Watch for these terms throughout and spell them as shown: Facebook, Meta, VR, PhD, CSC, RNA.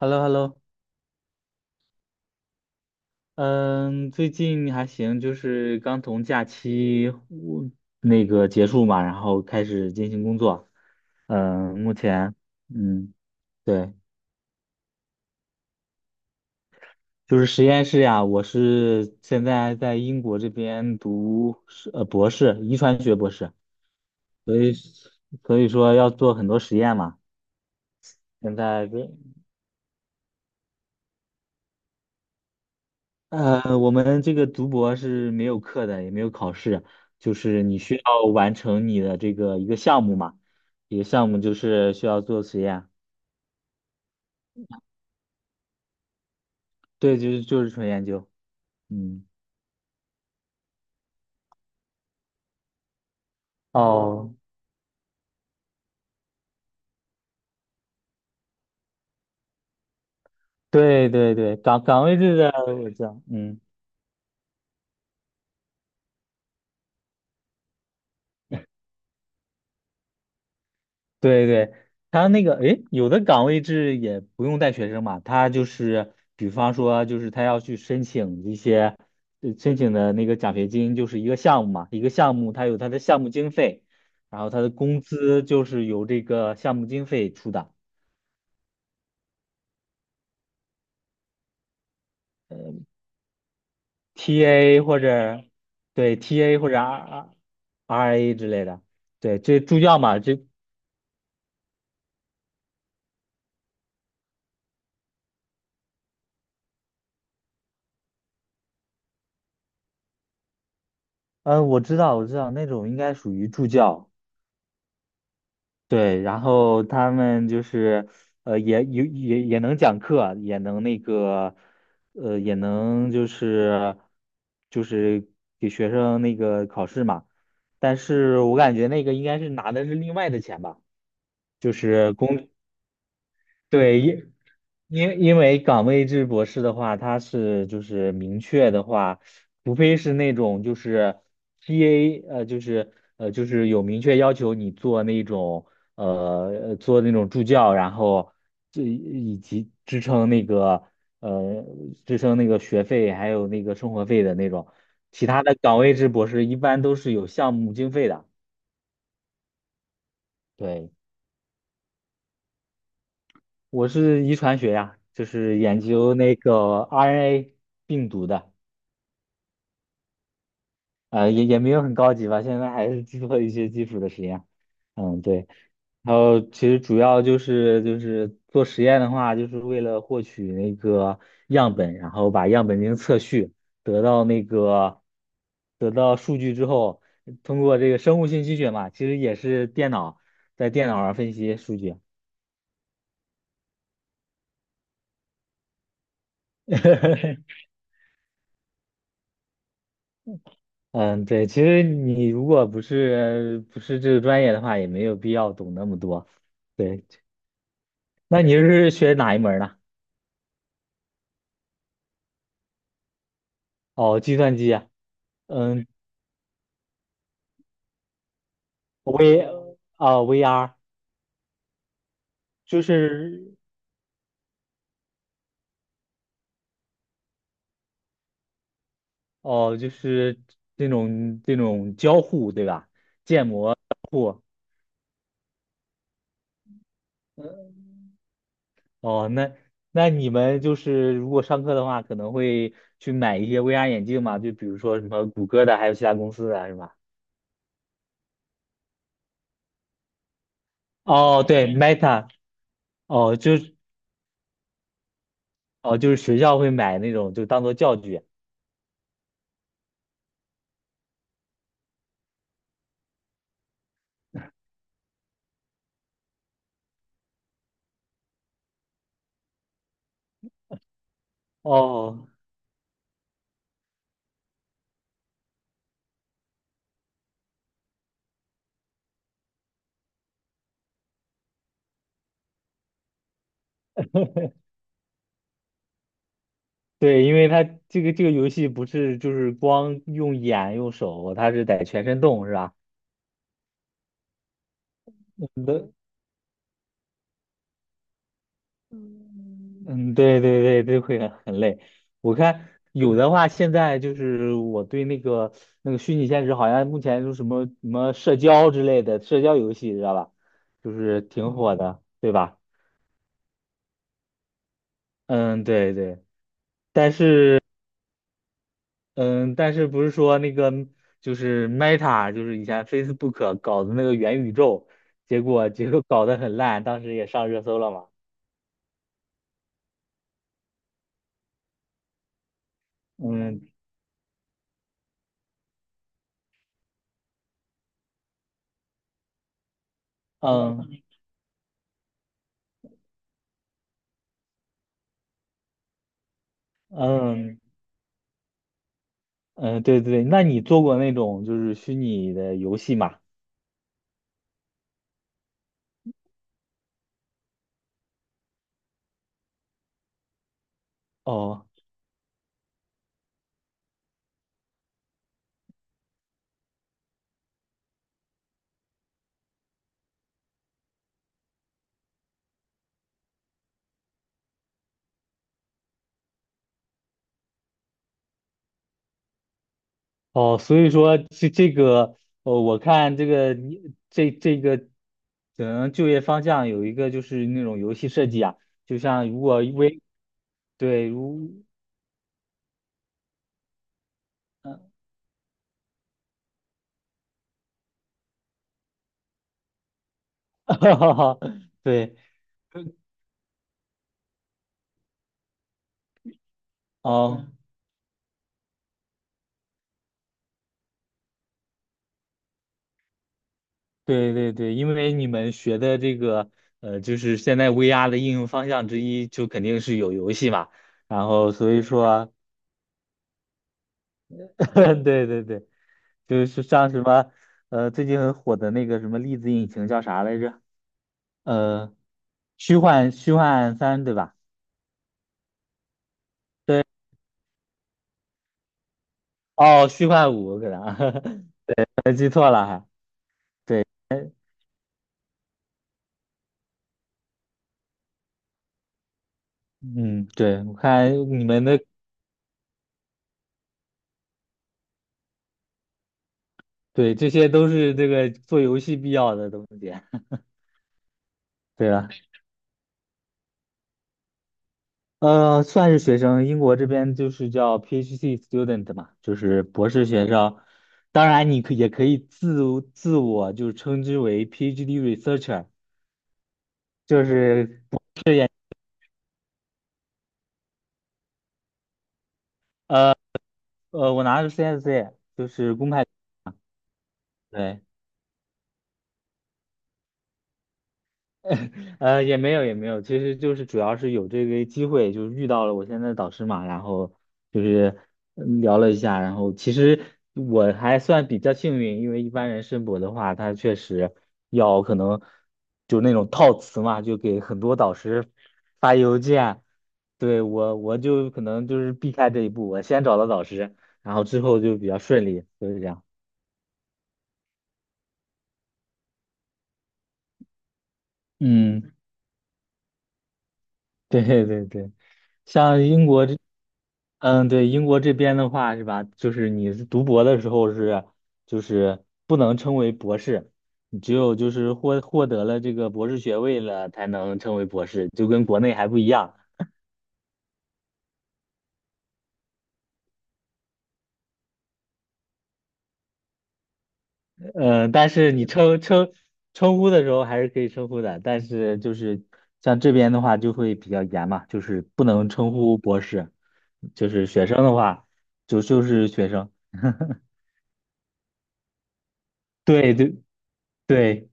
h e l l o h e l l o 嗯，最近还行，就是刚从假期我那个结束嘛，然后开始进行工作。嗯，目前，嗯，对，就是实验室呀，我是现在在英国这边读是博士，遗传学博士，所以所以说要做很多实验嘛。现在我们这个读博是没有课的，也没有考试，就是你需要完成你的这个一个项目嘛，一个项目就是需要做实验，对，就是纯研究，嗯，哦，对对对，岗位制的我知道，嗯。对对，他那个，诶，有的岗位制也不用带学生嘛，他就是，比方说，就是他要去申请一些，申请的那个奖学金，就是一个项目嘛，一个项目，他有他的项目经费，然后他的工资就是由这个项目经费出的，TA 或者对 TA 或者 RA 之类的，对，这助教嘛，这，嗯，我知道，我知道，那种应该属于助教。对，然后他们就是，也能讲课啊，也能那个，也能就是给学生那个考试嘛。但是我感觉那个应该是拿的是另外的钱吧，就是工对，因为岗位制博士的话，它是就是明确的话，除非是那种就是 P a 就是就是有明确要求你做那种呃做那种助教，然后这以及支撑那个呃支撑那个学费还有那个生活费的那种，其他的岗位制博士一般都是有项目经费的，对。我是遗传学呀，就是研究那个 RNA 病毒的，也没有很高级吧，现在还是做一些基础的实验。嗯，对。然后其实主要就是做实验的话，就是为了获取那个样本，然后把样本进行测序，得到那个得到数据之后，通过这个生物信息学嘛，其实也是在电脑上分析数据。嗯，对，其实你如果不是这个专业的话，也没有必要懂那么多。对，那你是学哪一门儿呢？哦，计算机啊，嗯，V VR 就是哦，就是这种交互，对吧？哦，那你们就是如果上课的话，可能会去买一些 VR 眼镜嘛？就比如说什么谷歌的，还有其他公司的，是吧？哦，对，Meta，哦，就是学校会买那种，就当做教具。哦，对，因为它这个游戏不是就是光用眼用手，它是得全身动，是吧？嗯，嗯，对对对，这会很累。我看有的话，现在就是我对那个虚拟现实，好像目前就是什么什么社交之类的社交游戏，知道吧？就是挺火的，对吧？嗯，对对。嗯，但是不是说那个就是 Meta，就是以前 Facebook 搞的那个元宇宙，结果搞得很烂，当时也上热搜了嘛。嗯嗯嗯嗯，对对对，那你做过那种就是虚拟的游戏吗？哦哦，所以说这个，哦，我看这个你这个可能就业方向有一个就是那种游戏设计啊，就像如果为对如嗯，对。哦，对对对，因为你们学的这个，就是现在 VR 的应用方向之一，就肯定是有游戏嘛。然后所以说，对对对，就是像什么，最近很火的那个什么粒子引擎叫啥来着？呃，虚幻3对吧？对，哦，虚幻5，可能 还记错了还。对，嗯，对，我看你们的，对，这些都是这个做游戏必要的东西。对啊。算是学生，英国这边就是叫 PhD student 嘛，就是博士学生。当然，你也可以自我就称之为 PhD researcher，就是呃我拿的是 CSC，就是公派。对 也没有，其实就是主要是有这个机会，就是遇到了我现在的导师嘛，然后就是聊了一下，然后其实我还算比较幸运，因为一般人申博的话，他确实要可能就那种套词嘛，就给很多导师发邮件，对我就可能就是避开这一步，我先找到导师，然后之后就比较顺利，就是这样。嗯，对对对。像英国这，嗯，对，英国这边的话是吧，就是你是读博的时候是，就是不能称为博士，你只有就是获得了这个博士学位了才能称为博士，就跟国内还不一样。嗯，但是你称呼的时候还是可以称呼的，但是就是像这边的话就会比较严嘛，就是不能称呼博士，就是学生的话就是学生，对对对。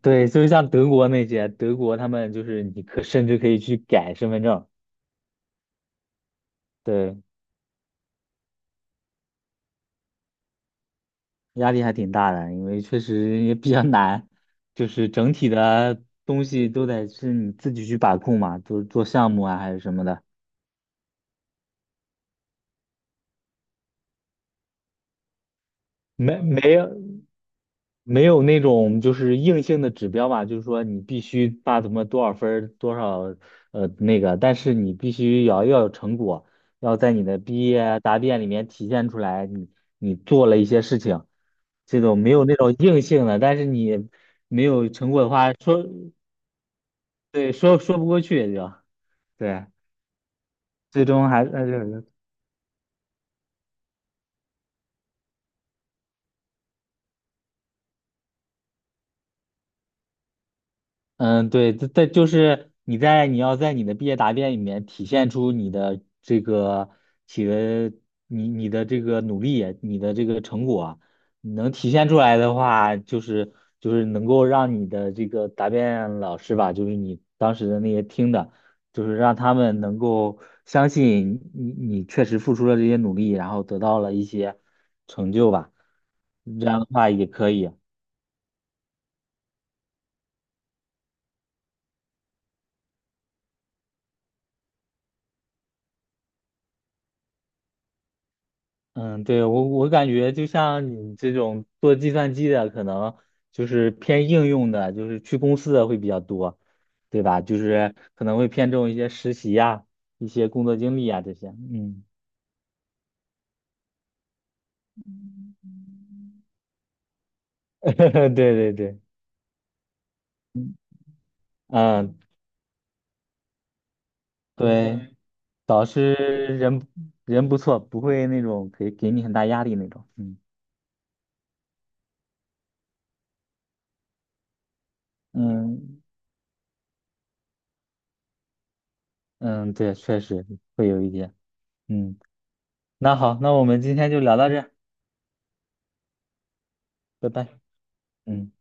对，就是像德国那些，德国他们就是你可甚至可以去改身份证，对，压力还挺大的，因为确实也比较难，就是整体的东西都得是你自己去把控嘛，就是做项目啊还是什么的，没没有没有那种就是硬性的指标吧，就是说你必须把怎么多少分儿多少那个，但是你必须要有成果，要在你的毕业啊答辩里面体现出来你做了一些事情，这种没有那种硬性的，但是你没有成果的话，对说不过去也就对，最终还嗯，对，这就是你要在你的毕业答辩里面体现出你的这个企的你的这个努力，你的这个成果，你能体现出来的话，就是能够让你的这个答辩老师吧，就是你当时的那些听的，就是让他们能够相信你确实付出了这些努力，然后得到了一些成就吧，这样的话也可以。嗯，对，我感觉就像你这种做计算机的，可能就是偏应用的，就是去公司的会比较多，对吧？就是可能会偏重一些实习呀、一些工作经历啊这些。嗯，对对对，嗯，对，导师人不错，不会那种给你很大压力那种。嗯嗯嗯，对，确实会有一点。嗯，那好，那我们今天就聊到这儿，拜拜。嗯。